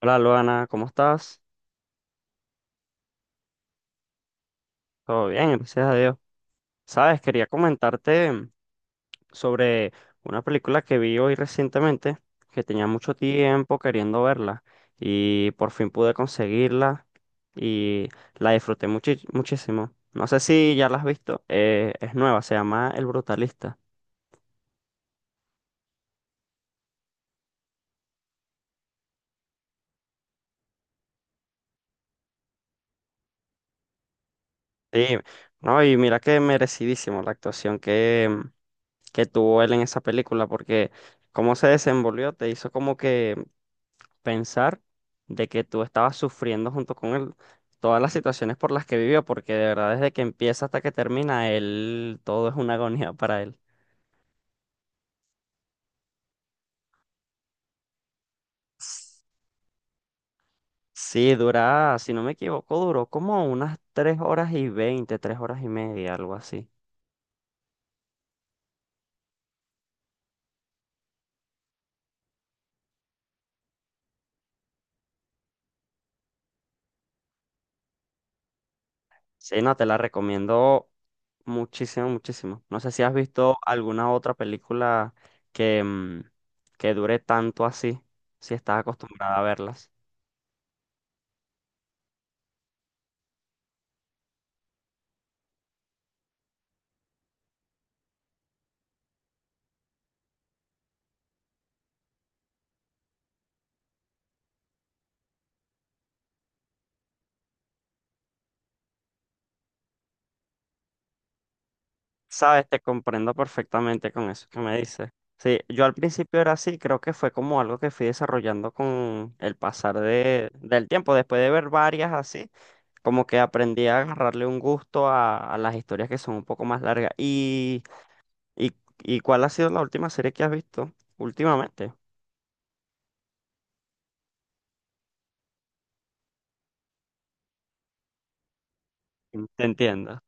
Hola Luana, ¿cómo estás? Todo bien, gracias a Dios. Sabes, quería comentarte sobre una película que vi hoy recientemente, que tenía mucho tiempo queriendo verla y por fin pude conseguirla y la disfruté muchísimo. No sé si ya la has visto, es nueva, se llama El Brutalista. Sí, no, y mira que merecidísimo la actuación que, que tuvo él en esa película, porque cómo se desenvolvió, te hizo como que pensar de que tú estabas sufriendo junto con él todas las situaciones por las que vivió, porque de verdad desde que empieza hasta que termina, él todo es una agonía para él. S- Sí, dura, si no me equivoco, duró como unas 3 horas y 20, 3 horas y media, algo así. Sí, no, te la recomiendo muchísimo, muchísimo. No sé si has visto alguna otra película que, que dure tanto así, si estás acostumbrada a verlas. Sabes, te comprendo perfectamente con eso que me dices. Sí, yo al principio era así, creo que fue como algo que fui desarrollando con el pasar de, del tiempo, después de ver varias así, como que aprendí a agarrarle un gusto a las historias que son un poco más largas. Y, y cuál ha sido la última serie que has visto últimamente? Te entiendo.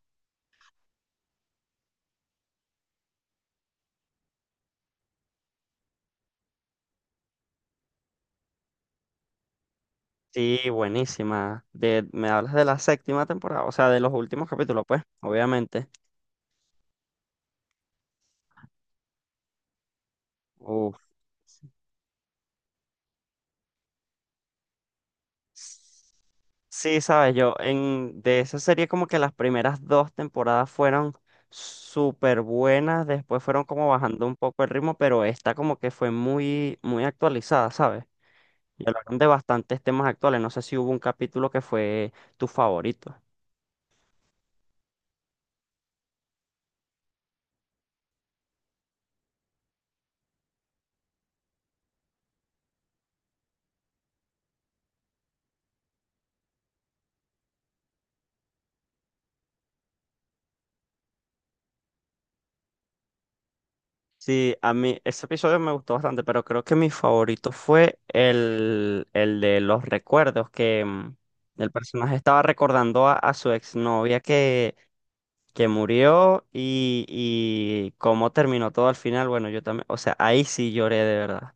Sí, buenísima. De, me hablas de la séptima temporada, o sea, de los últimos capítulos, pues, obviamente. Uf. Sí, sabes, yo en de esa serie como que las primeras dos temporadas fueron súper buenas, después fueron como bajando un poco el ritmo, pero esta como que fue muy, muy actualizada, ¿sabes? Y hablaron de bastantes temas actuales. No sé si hubo un capítulo que fue tu favorito. Sí, a mí ese episodio me gustó bastante, pero creo que mi favorito fue el de los recuerdos, que el personaje estaba recordando a su exnovia que murió y cómo terminó todo al final, bueno, yo también, o sea, ahí sí lloré de verdad.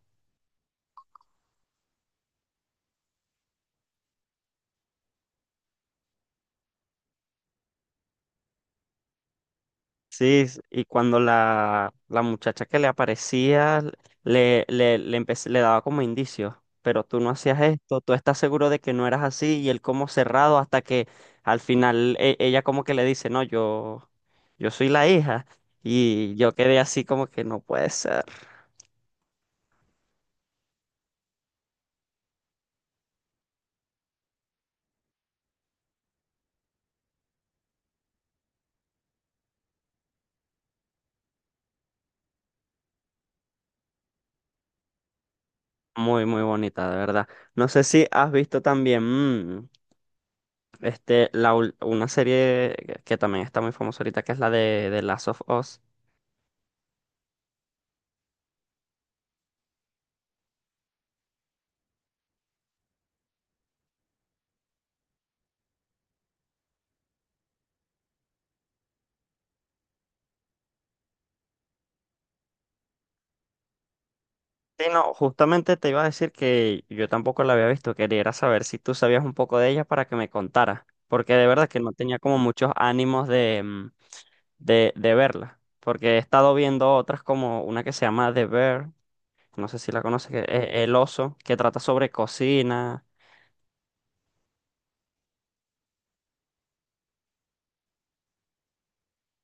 Sí, y cuando la muchacha que le aparecía le daba como indicios, pero tú no hacías esto, tú estás seguro de que no eras así, y él como cerrado hasta que al final ella como que le dice, no, yo soy la hija. Y yo quedé así como que no puede ser. Muy, muy bonita, de verdad. No sé si has visto también. Este, la, una serie que también está muy famosa ahorita, que es la de Last of Us. Sí, no, justamente te iba a decir que yo tampoco la había visto. Quería era saber si tú sabías un poco de ella para que me contara. Porque de verdad que no tenía como muchos ánimos de, de verla. Porque he estado viendo otras como una que se llama The Bear, no sé si la conoces, que es El Oso, que trata sobre cocina.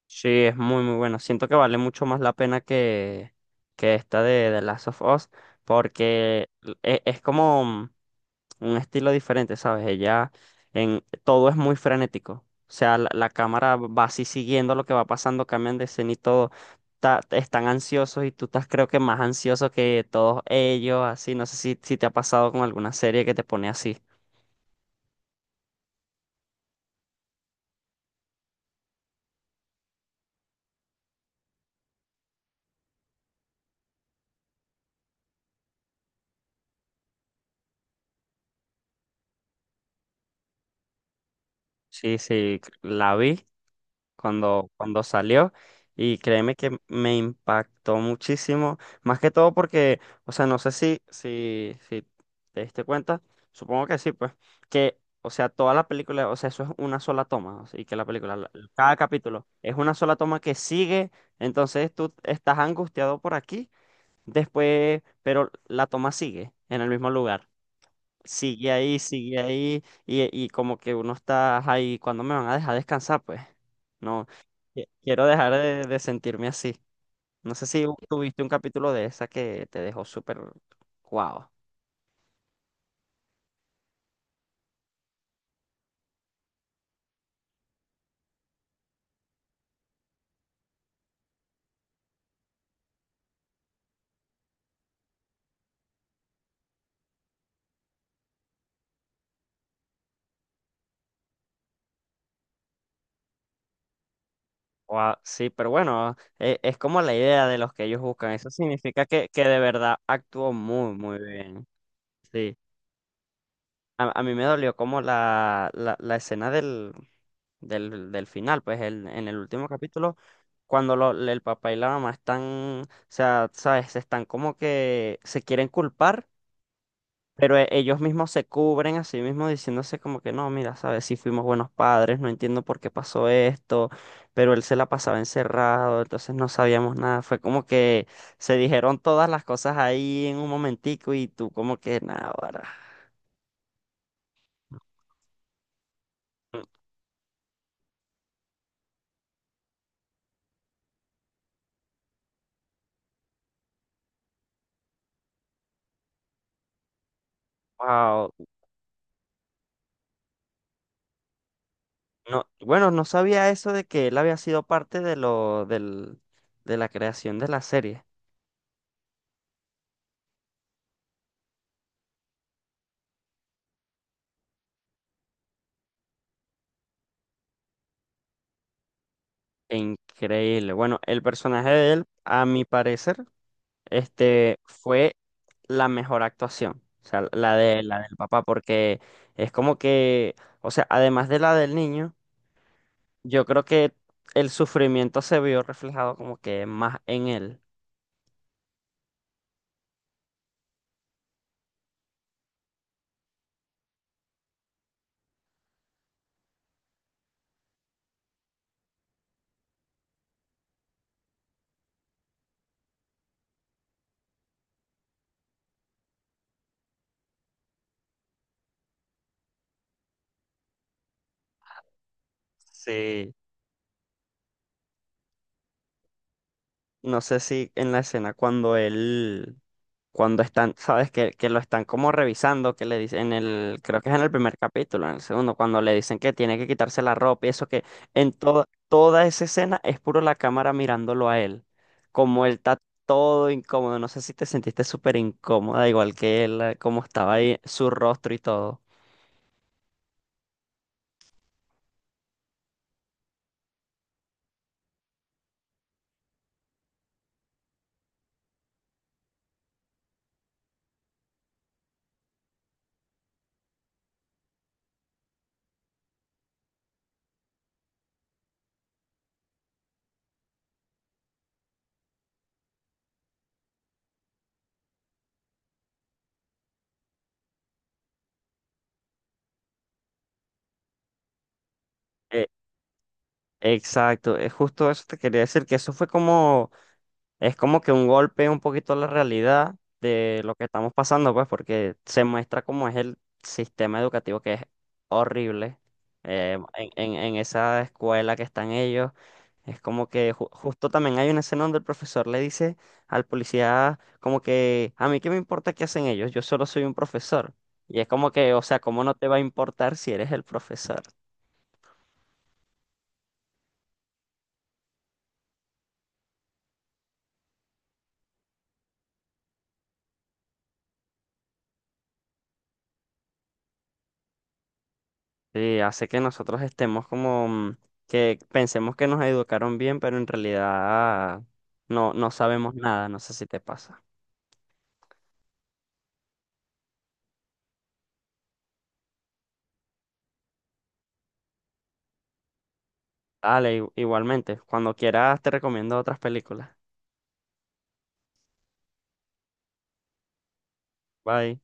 Sí, es muy muy bueno. Siento que vale mucho más la pena que esta de The Last of Us, porque es, como un estilo diferente, ¿sabes? Ella en todo es muy frenético. O sea, la cámara va así siguiendo lo que va pasando, cambian de escena y todo. Están ansiosos y tú estás creo que más ansioso que todos ellos, así. No sé si, si te ha pasado con alguna serie que te pone así. Sí, sí, la vi cuando, cuando salió y créeme que me impactó muchísimo, más que todo porque, o sea, no sé si, si, si te diste cuenta, supongo que sí, pues, que, o sea, toda la película, o sea, eso es una sola toma, o sea, y que la película, cada capítulo es una sola toma que sigue, entonces tú estás angustiado por aquí, después, pero la toma sigue en el mismo lugar sigue ahí, y como que uno está ahí, ¿cuándo me van a dejar descansar? Pues no, quiero dejar de sentirme así. No sé si tuviste un capítulo de esa que te dejó súper guau. Guau, sí, pero bueno, es, como la idea de los que ellos buscan. Eso significa que de verdad actuó muy, muy bien. Sí. A mí me dolió como la escena del, del, del final, pues en el último capítulo, cuando el papá y la mamá están, o sea, sabes, se están como que se quieren culpar, pero ellos mismos se cubren a sí mismos diciéndose como que no, mira, sabes, sí fuimos buenos padres, no entiendo por qué pasó esto, pero él se la pasaba encerrado, entonces no sabíamos nada, fue como que se dijeron todas las cosas ahí en un momentico y tú como que nada, ahora. Wow. No, bueno, no sabía eso de que él había sido parte de lo, del, de la creación de la serie. Increíble. Bueno, el personaje de él, a mi parecer, este, fue la mejor actuación. O sea, la de la del papá, porque es como que, o sea, además de la del niño, yo creo que el sufrimiento se vio reflejado como que más en él. Sí. No sé si en la escena cuando él, cuando están, sabes que lo están como revisando, que le dicen en el, creo que es en el primer capítulo, en el segundo, cuando le dicen que tiene que quitarse la ropa y eso que en toda, toda esa escena es puro la cámara mirándolo a él, como él está todo incómodo, no sé si te sentiste súper incómoda, igual que él, como estaba ahí, su rostro y todo. Eh, exacto, es justo eso te quería decir, que eso fue como Es como que un golpe un poquito a la realidad de lo que estamos pasando, pues, porque se muestra cómo es el sistema educativo que es horrible. En, en esa escuela que están ellos, es como que justo también hay una escena donde el profesor le dice al policía como que a mí qué me importa qué hacen ellos, yo solo soy un profesor. Y es como que, o sea, ¿cómo no te va a importar si eres el profesor? Sí, hace que nosotros estemos como que pensemos que nos educaron bien, pero en realidad no, no sabemos nada. No sé si te pasa. Dale, igualmente. Cuando quieras te recomiendo otras películas. Bye.